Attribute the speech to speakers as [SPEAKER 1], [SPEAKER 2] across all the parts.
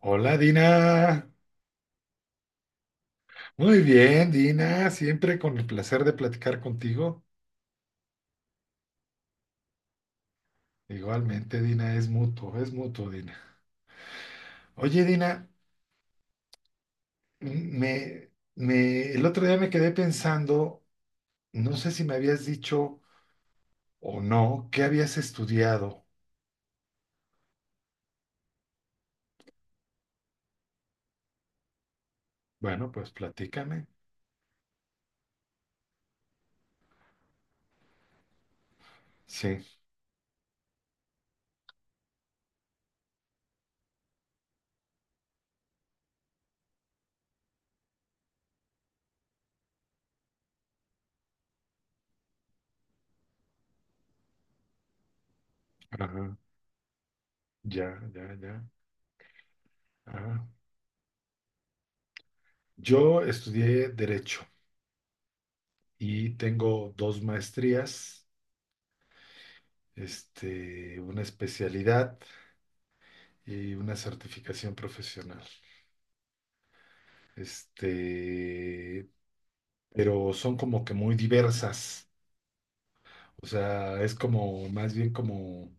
[SPEAKER 1] Hola Dina, muy bien Dina, siempre con el placer de platicar contigo. Igualmente Dina, es mutuo Dina. Oye Dina, el otro día me quedé pensando, no sé si me habías dicho o no, ¿qué habías estudiado? Bueno, pues platícame. Sí, ajá, ya, ya, ya. Ajá. Yo estudié Derecho y tengo dos maestrías, una especialidad y una certificación profesional. Este, pero son como que muy diversas. O sea, es como más bien como,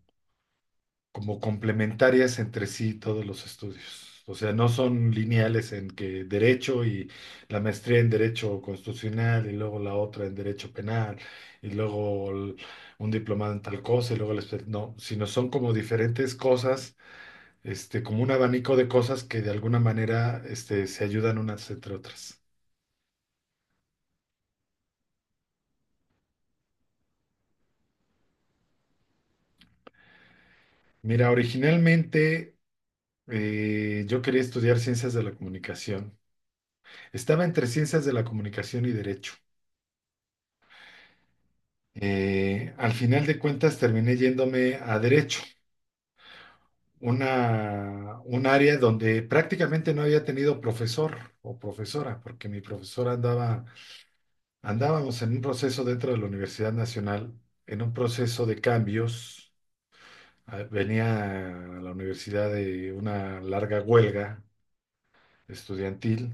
[SPEAKER 1] como complementarias entre sí todos los estudios. O sea, no son lineales en que derecho y la maestría en derecho constitucional y luego la otra en derecho penal y luego un diplomado en tal cosa y luego no, sino son como diferentes cosas, como un abanico de cosas que de alguna manera, se ayudan unas entre otras. Mira, originalmente, yo quería estudiar ciencias de la comunicación. Estaba entre ciencias de la comunicación y derecho. Al final de cuentas terminé yéndome a derecho, un área donde prácticamente no había tenido profesor o profesora, porque mi profesora andaba, andábamos en un proceso dentro de la Universidad Nacional, en un proceso de cambios. Ah, venía a la universidad de una larga huelga estudiantil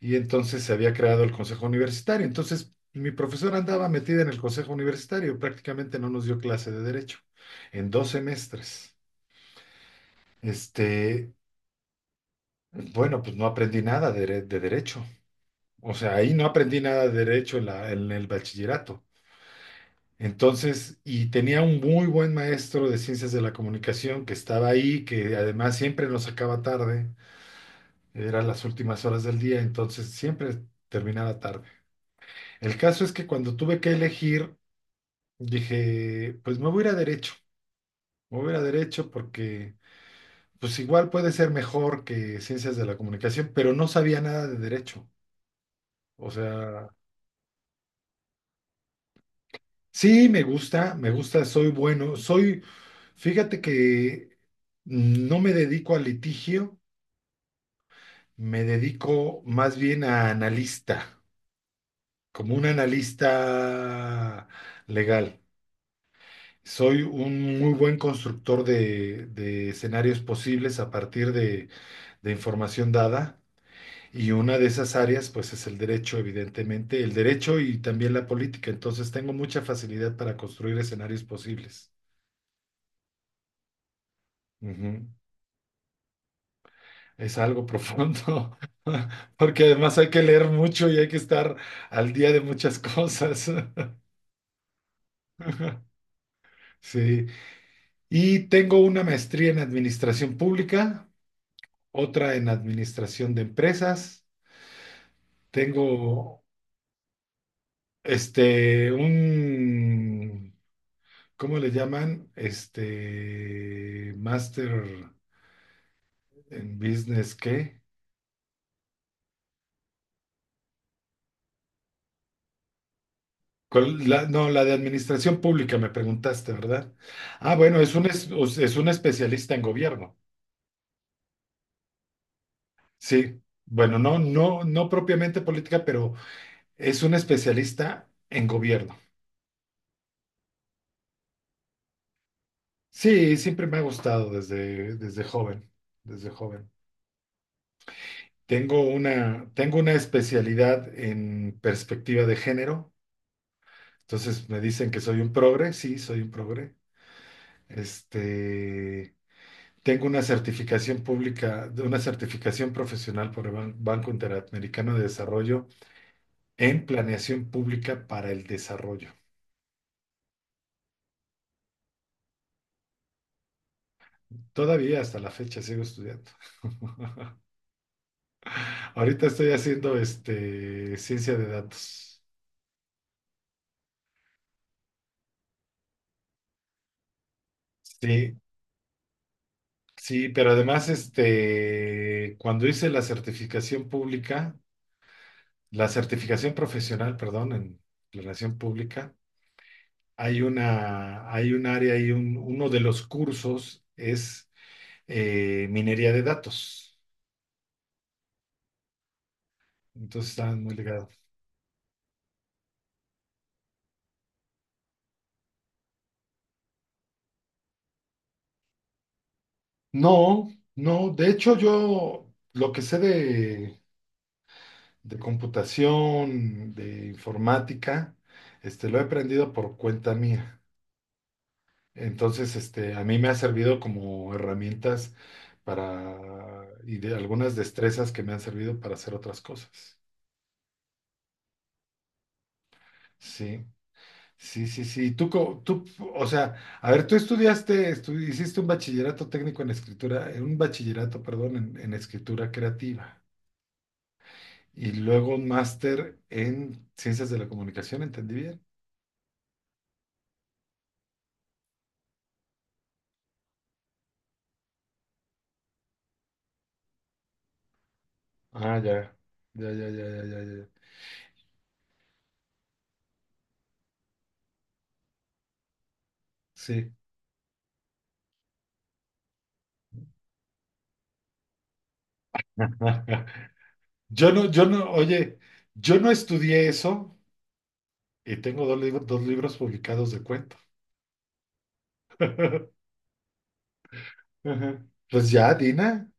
[SPEAKER 1] y entonces se había creado el consejo universitario. Entonces mi profesora andaba metida en el consejo universitario, prácticamente no nos dio clase de derecho en dos semestres. Este, bueno, pues no aprendí nada de, de derecho. O sea, ahí no aprendí nada de derecho en en el bachillerato. Entonces, y tenía un muy buen maestro de ciencias de la comunicación que estaba ahí, que además siempre nos sacaba tarde. Eran las últimas horas del día, entonces siempre terminaba tarde. El caso es que cuando tuve que elegir, dije, pues me voy a ir a derecho, me voy a ir a derecho porque pues igual puede ser mejor que ciencias de la comunicación, pero no sabía nada de derecho. O sea, sí, me gusta, soy bueno, soy, fíjate que no me dedico al litigio, me dedico más bien a analista, como un analista legal. Soy un muy buen constructor de escenarios posibles a partir de información dada y una de esas áreas pues es el derecho, evidentemente, el derecho y también la política. Entonces tengo mucha facilidad para construir escenarios posibles. Ujú. Es algo profundo porque además hay que leer mucho y hay que estar al día de muchas cosas. Sí. Y tengo una maestría en administración pública, otra en administración de empresas. Tengo un, ¿cómo le llaman? Master en Business, ¿qué? ¿Cuál? No, la de administración pública me preguntaste, ¿verdad? Ah, bueno, es un especialista en gobierno. Sí. Bueno, no, no, no propiamente política, pero es un especialista en gobierno. Sí, siempre me ha gustado desde, desde joven, desde joven. Tengo una especialidad en perspectiva de género. Entonces me dicen que soy un progre, sí, soy un progre. Este, tengo una certificación pública, de una certificación profesional por el Banco Interamericano de Desarrollo en planeación pública para el desarrollo. Todavía hasta la fecha sigo estudiando. Ahorita estoy haciendo, ciencia de datos. Sí. Sí, pero además, cuando hice la certificación pública, la certificación profesional, perdón, en relación pública, hay una, hay un área y un, uno de los cursos es, minería de datos. Entonces están muy ligados. No, no, de hecho yo lo que sé de computación, de informática, lo he aprendido por cuenta mía. Entonces, a mí me ha servido como herramientas para, y de algunas destrezas que me han servido para hacer otras cosas. Sí, sí, sí, sí. Tú, tú, o sea, a ver, tú estudiaste, hiciste un bachillerato técnico en escritura, un bachillerato, perdón, en escritura creativa y luego un máster en ciencias de la comunicación, ¿entendí bien? Ah, ya, ya, ya, ya, ya, ya, ya, ya. Sí. Yo no, yo no, oye, yo no estudié eso. Y tengo dos libros publicados de cuento. Ujú. Pues ya, Dina.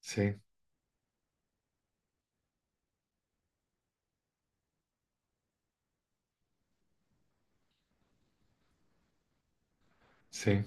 [SPEAKER 1] Sí, sí,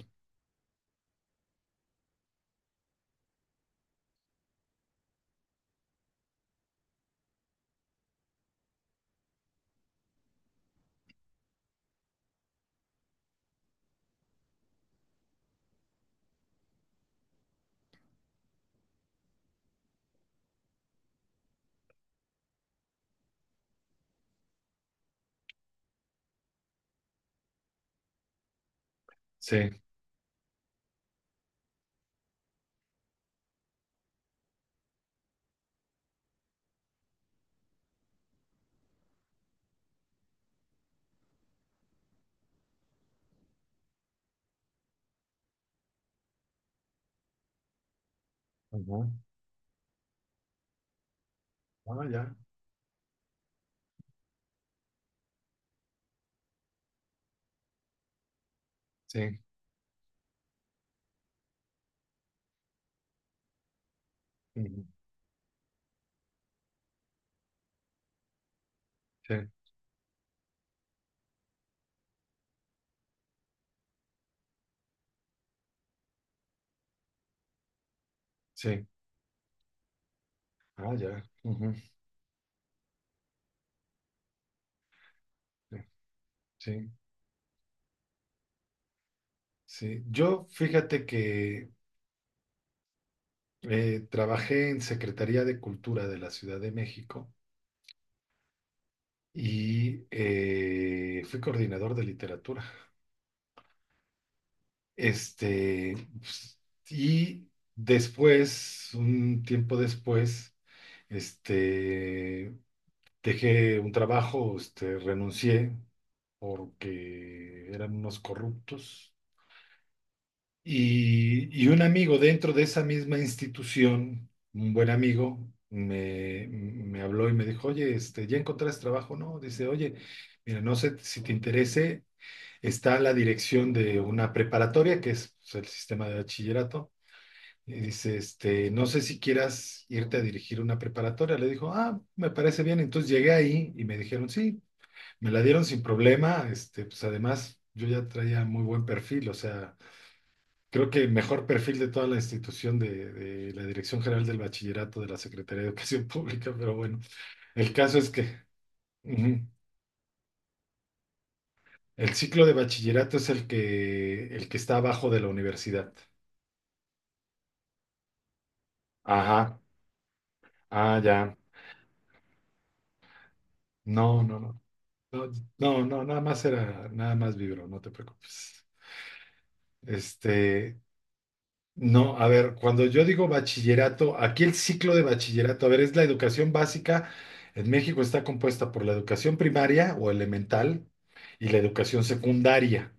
[SPEAKER 1] sí. Ujú. Ah, ya. Sí, ujú, sí, sí. Ah, ya. Ujú, sí, sí, sí. Yo, fíjate que, trabajé en Secretaría de Cultura de la Ciudad de México y, fui coordinador de literatura. Pues, y después, un tiempo después, este, dejé un trabajo, renuncié porque eran unos corruptos. Y un amigo dentro de esa misma institución, un buen amigo, me habló y me dijo, oye, ¿ya encontraste trabajo? No, dice, oye, mira, no sé si te interese, está la dirección de una preparatoria, que es pues, el sistema de bachillerato, y dice, no sé si quieras irte a dirigir una preparatoria. Le dijo, ah, me parece bien. Entonces llegué ahí y me dijeron, sí, me la dieron sin problema. Pues además yo ya traía muy buen perfil, o sea, creo que el mejor perfil de toda la institución de la Dirección General del Bachillerato de la Secretaría de Educación Pública, pero bueno, el caso es que ujú, el ciclo de bachillerato es el que está abajo de la universidad. Ajá, ah, ya. No, no, no. No, no, no, nada más era, nada más vibro, no te preocupes. Este, no, a ver, cuando yo digo bachillerato, aquí el ciclo de bachillerato, a ver, es la educación básica. En México está compuesta por la educación primaria o elemental y la educación secundaria.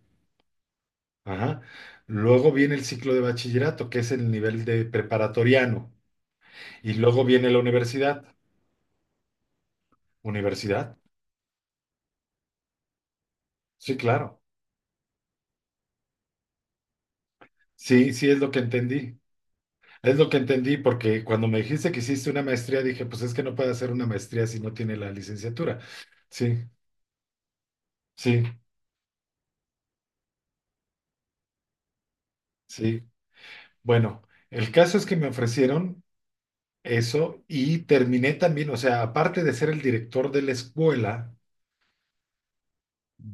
[SPEAKER 1] Ajá. Luego viene el ciclo de bachillerato, que es el nivel de preparatoriano. Y luego viene la universidad. ¿Universidad? Sí, claro. Sí, sí es lo que entendí. Es lo que entendí, porque cuando me dijiste que hiciste una maestría, dije, pues es que no puede hacer una maestría si no tiene la licenciatura. Sí, sí, sí. Bueno, el caso es que me ofrecieron eso y terminé también, o sea, aparte de ser el director de la escuela,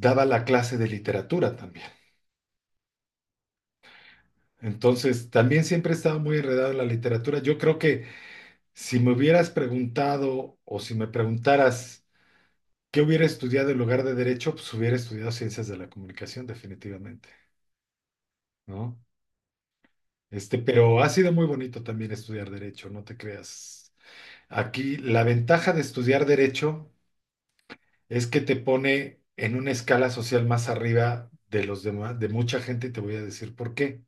[SPEAKER 1] daba la clase de literatura también. Entonces, también siempre he estado muy enredado en la literatura. Yo creo que si me hubieras preguntado o si me preguntaras qué hubiera estudiado en lugar de derecho, pues hubiera estudiado ciencias de la comunicación, definitivamente. ¿No? Pero ha sido muy bonito también estudiar derecho, no te creas. Aquí la ventaja de estudiar derecho es que te pone en una escala social más arriba de los demás, de mucha gente, y te voy a decir por qué.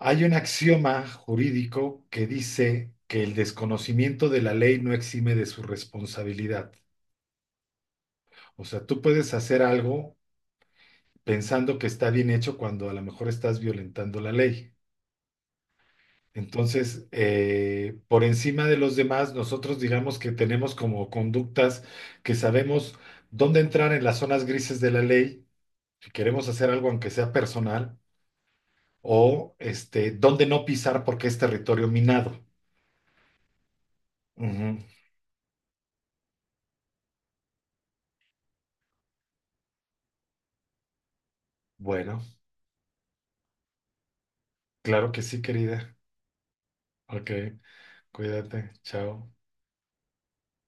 [SPEAKER 1] Hay un axioma jurídico que dice que el desconocimiento de la ley no exime de su responsabilidad. O sea, tú puedes hacer algo pensando que está bien hecho cuando a lo mejor estás violentando la ley. Entonces, por encima de los demás, nosotros digamos que tenemos como conductas que sabemos dónde entrar en las zonas grises de la ley, si queremos hacer algo aunque sea personal, o dónde no pisar porque es territorio minado. Ujú. Bueno, claro que sí, querida. Ok, cuídate, chao.